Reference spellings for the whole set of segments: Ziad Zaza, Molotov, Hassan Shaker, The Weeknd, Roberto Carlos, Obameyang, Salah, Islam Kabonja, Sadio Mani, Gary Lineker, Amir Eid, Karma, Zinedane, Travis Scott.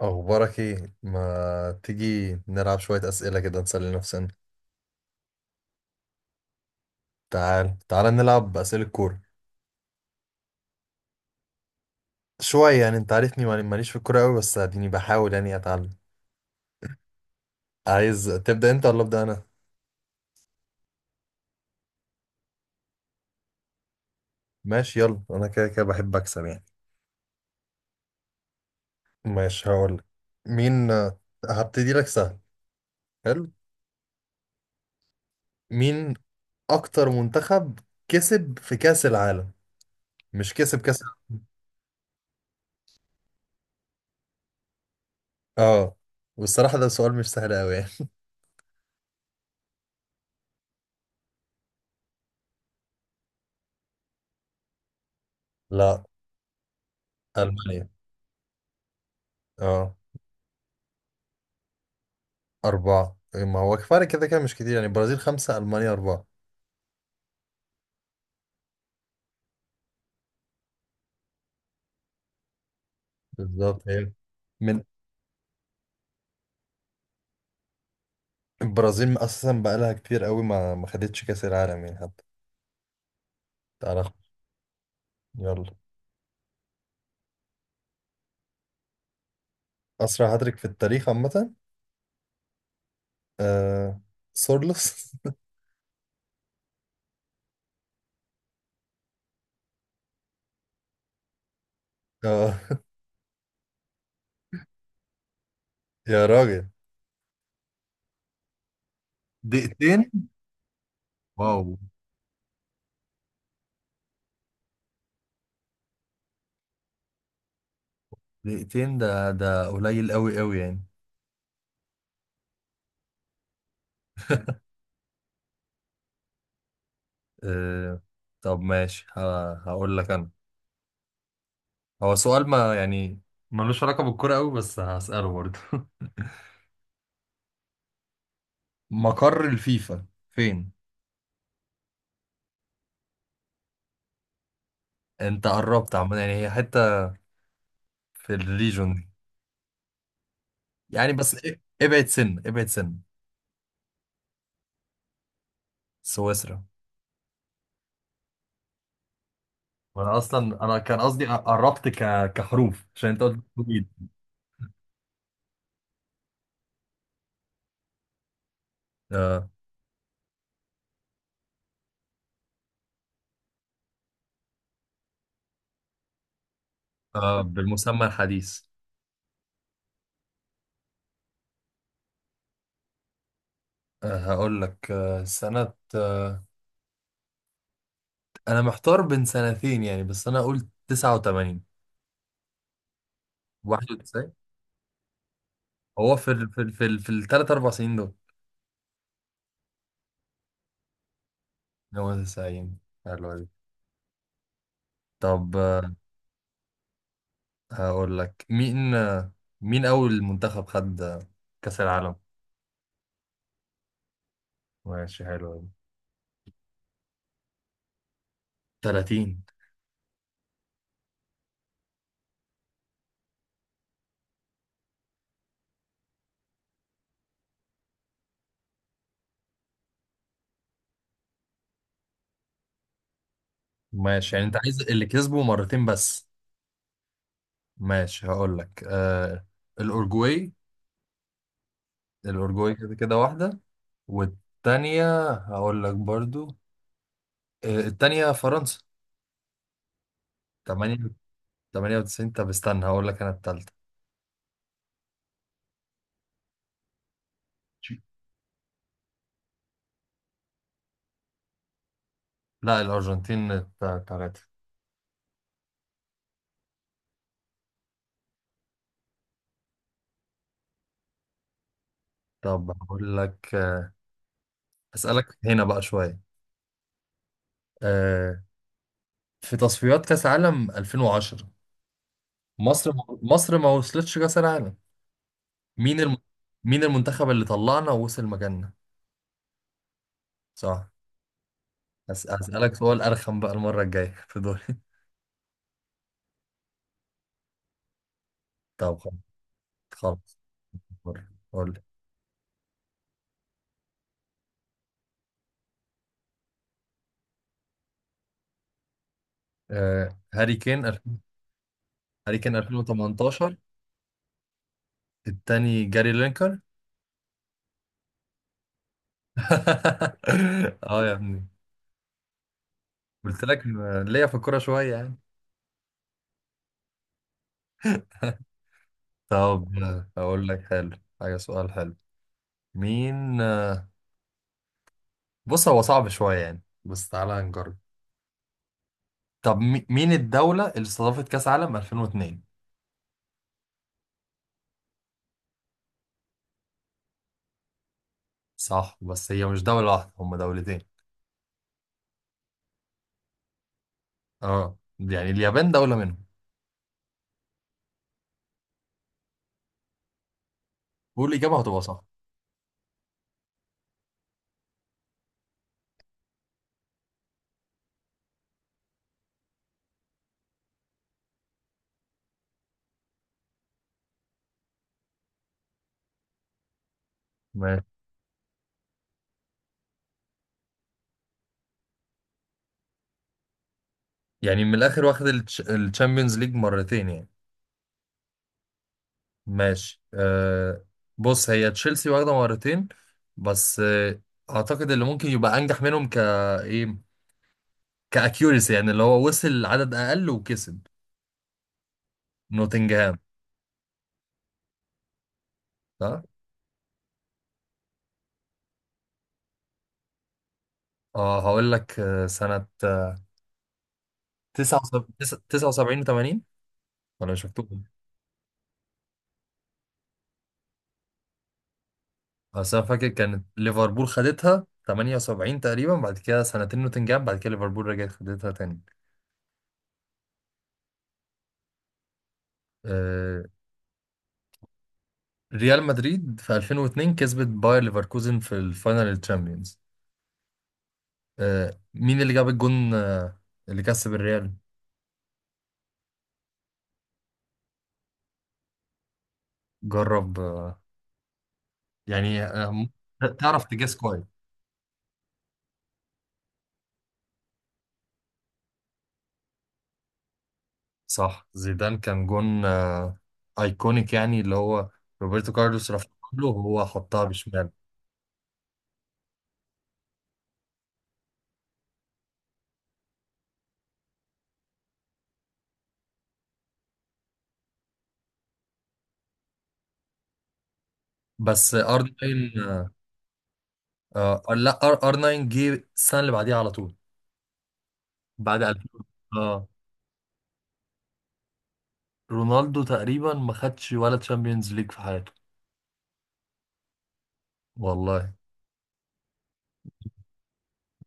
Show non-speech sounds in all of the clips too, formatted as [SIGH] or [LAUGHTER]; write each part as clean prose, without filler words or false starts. أخبارك إيه؟ ما تيجي نلعب شوية أسئلة كده نسلي نفسنا. تعال تعال نلعب أسئلة كورة. شوية، يعني أنت عارفني، ماليش في الكورة أوي، بس أديني بحاول يعني أتعلم. عايز تبدأ أنت ولا أبدأ أنا؟ ماشي يلا، أنا كده كده بحب أكسب يعني. ماشي هقولك. مين. هبتدي لك سهل. حلو. مين أكتر منتخب كسب في كأس العالم؟ مش كسب كأس. آه. والصراحة ده سؤال مش سهل أوي يعني. لا. ألمانيا. آه. أربعة، إيه، ما هو كفاية كده كده مش كتير يعني، البرازيل خمسة ألمانيا أربعة. بالظبط هي. من. البرازيل أساسا بقالها كتير قوي ما خدتش كأس العالم يعني حتى. تعالى خ- يلا. أسرع هاتريك في التاريخ عامة. آه... سورلوس. [LAUGHS] آه... يا راجل. دقيقتين. واو. دقيقتين، ده قليل قوي قوي يعني. آه... طب ماشي، هقول لك أنا. هو سؤال ما يعني ملوش علاقة بالكرة قوي، بس هسأله برضه. [LAUGHS] مقر الفيفا فين؟ انت قربت عامة، يعني هي حتة في الريجون دي. يعني بس ابعد سن. سويسرا. وانا اصلا انا كان قصدي قربت كحروف، عشان انت قلت طويل. آه. آه. بالمسمى الحديث. آه. هقول لك سنة انا محتار بين سنتين يعني، بس انا قلت 89. 91. هو في الثلاث اربع سنين دول. هو 90. حلوة دي. طب هقول لك مين. مين اول منتخب خد كأس العالم. ماشي حلو أوي. 30. ماشي، يعني انت عايز اللي كسبه مرتين بس. ماشي هقول لك الأورجواي. الأورجواي كده كده واحدة. والتانية هقول لك برضو التانية فرنسا. 8. 98. طب استنى هقول لك أنا التالتة. لا الأرجنتين. تلاتة. طب هقول لك أسألك هنا بقى شوية. آه في تصفيات كأس عالم 2010، مصر. مصر ما وصلتش كأس العالم. مين الم... مين المنتخب اللي طلعنا ووصل مكاننا. صح. هسألك سؤال أرخم بقى المرة الجاية في دول. [LAUGHS] طب خلاص. خلاص. قول. قول لي. آه... هاري كين ألف- هاري كين 2018. التاني جاري لينكر. [LAUGHS] اه يا ابني. قلت لك ليا في الكورة شوية يعني. [LAUGHS] طب أقول لك حلو. حاجة، سؤال حلو. مين. بص هو صعب شوية يعني، بس تعالى نجرب. طب مين الدولة اللي استضافت كأس عالم 2002؟ صح، بس هي مش دولة واحدة، هم دولتين. اه، يعني اليابان دولة منهم. قول إجابة هتبقى صح. ماشي، يعني من الآخر واخد الشامبيونز ليج مرتين يعني. ماشي بص هي تشيلسي واخدة مرتين. بس أعتقد اللي ممكن يبقى أنجح منهم إيه، كأكيوريسي يعني اللي هو وصل عدد أقل وكسب. نوتنجهام. صح؟ اه، هقول لك سنة 79. 79، 80. ولا مش مكتوب. بس انا فاكر كانت ليفربول خدتها 78 تقريبا، بعد كده سنتين نوتنجهام، بعد كده ليفربول رجعت خدتها تاني. آه، ريال مدريد في 2002 كسبت باير ليفركوزن في الفاينل الشامبيونز. مين اللي جاب الجون اللي كسب الريال؟ جرب يعني تعرف تجس كويس. صح، زيدان كان جون ايكونيك يعني، اللي هو روبرتو كارلوس رفعه له وهو حطها بشمال. بس ارنولد. آه، اه، لا، ار 9 جه السنه اللي بعديها على طول. بعد 2000. اه، رونالدو تقريبا ما خدش ولا تشامبيونز ليج في حياته. والله.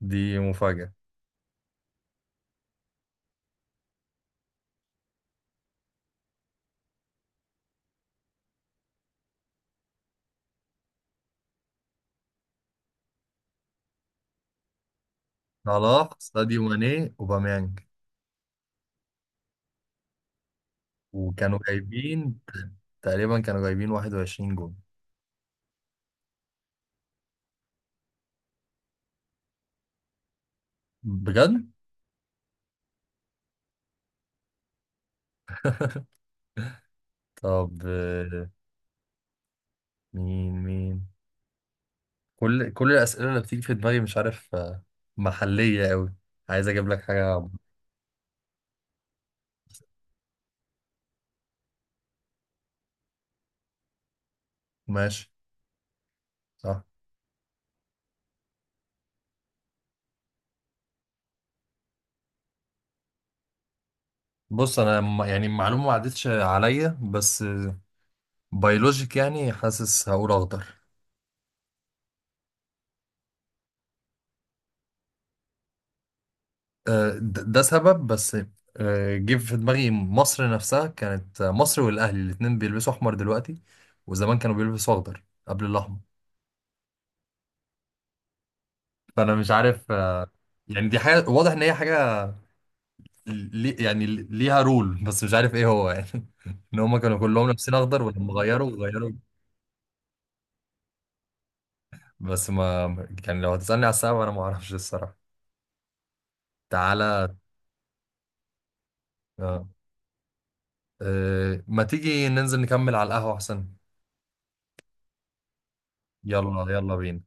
دي مفاجاه. صلاح ساديو ماني اوباميانج. وكانوا جايبين. تقريبا كانوا جايبين 21 جول. بجد. طب مين. كل الاسئله اللي بتيجي في دماغي مش عارف محليه قوي. عايز اجيب لك حاجه. ماشي. صح. بص انا يعني المعلومه ما عدتش عليا، بس بيولوجيك يعني حاسس هقول اخضر. ده سبب بس جه في دماغي، مصر نفسها كانت مصر والاهلي الاتنين بيلبسوا احمر دلوقتي، وزمان كانوا بيلبسوا اخضر قبل الاحمر. فانا مش عارف يعني دي حاجه واضح ان هي حاجه لي، يعني ليها رول بس مش عارف ايه هو يعني. [LAUGHS] ان هم كانوا كلهم لابسين اخضر، ولما غيروا غيروا. بس ما. يعني لو هتسالني على السبب انا ما اعرفش الصراحه. تعالى. آه، ما تيجي ننزل نكمل على القهوه احسن. يلا يلا بينا.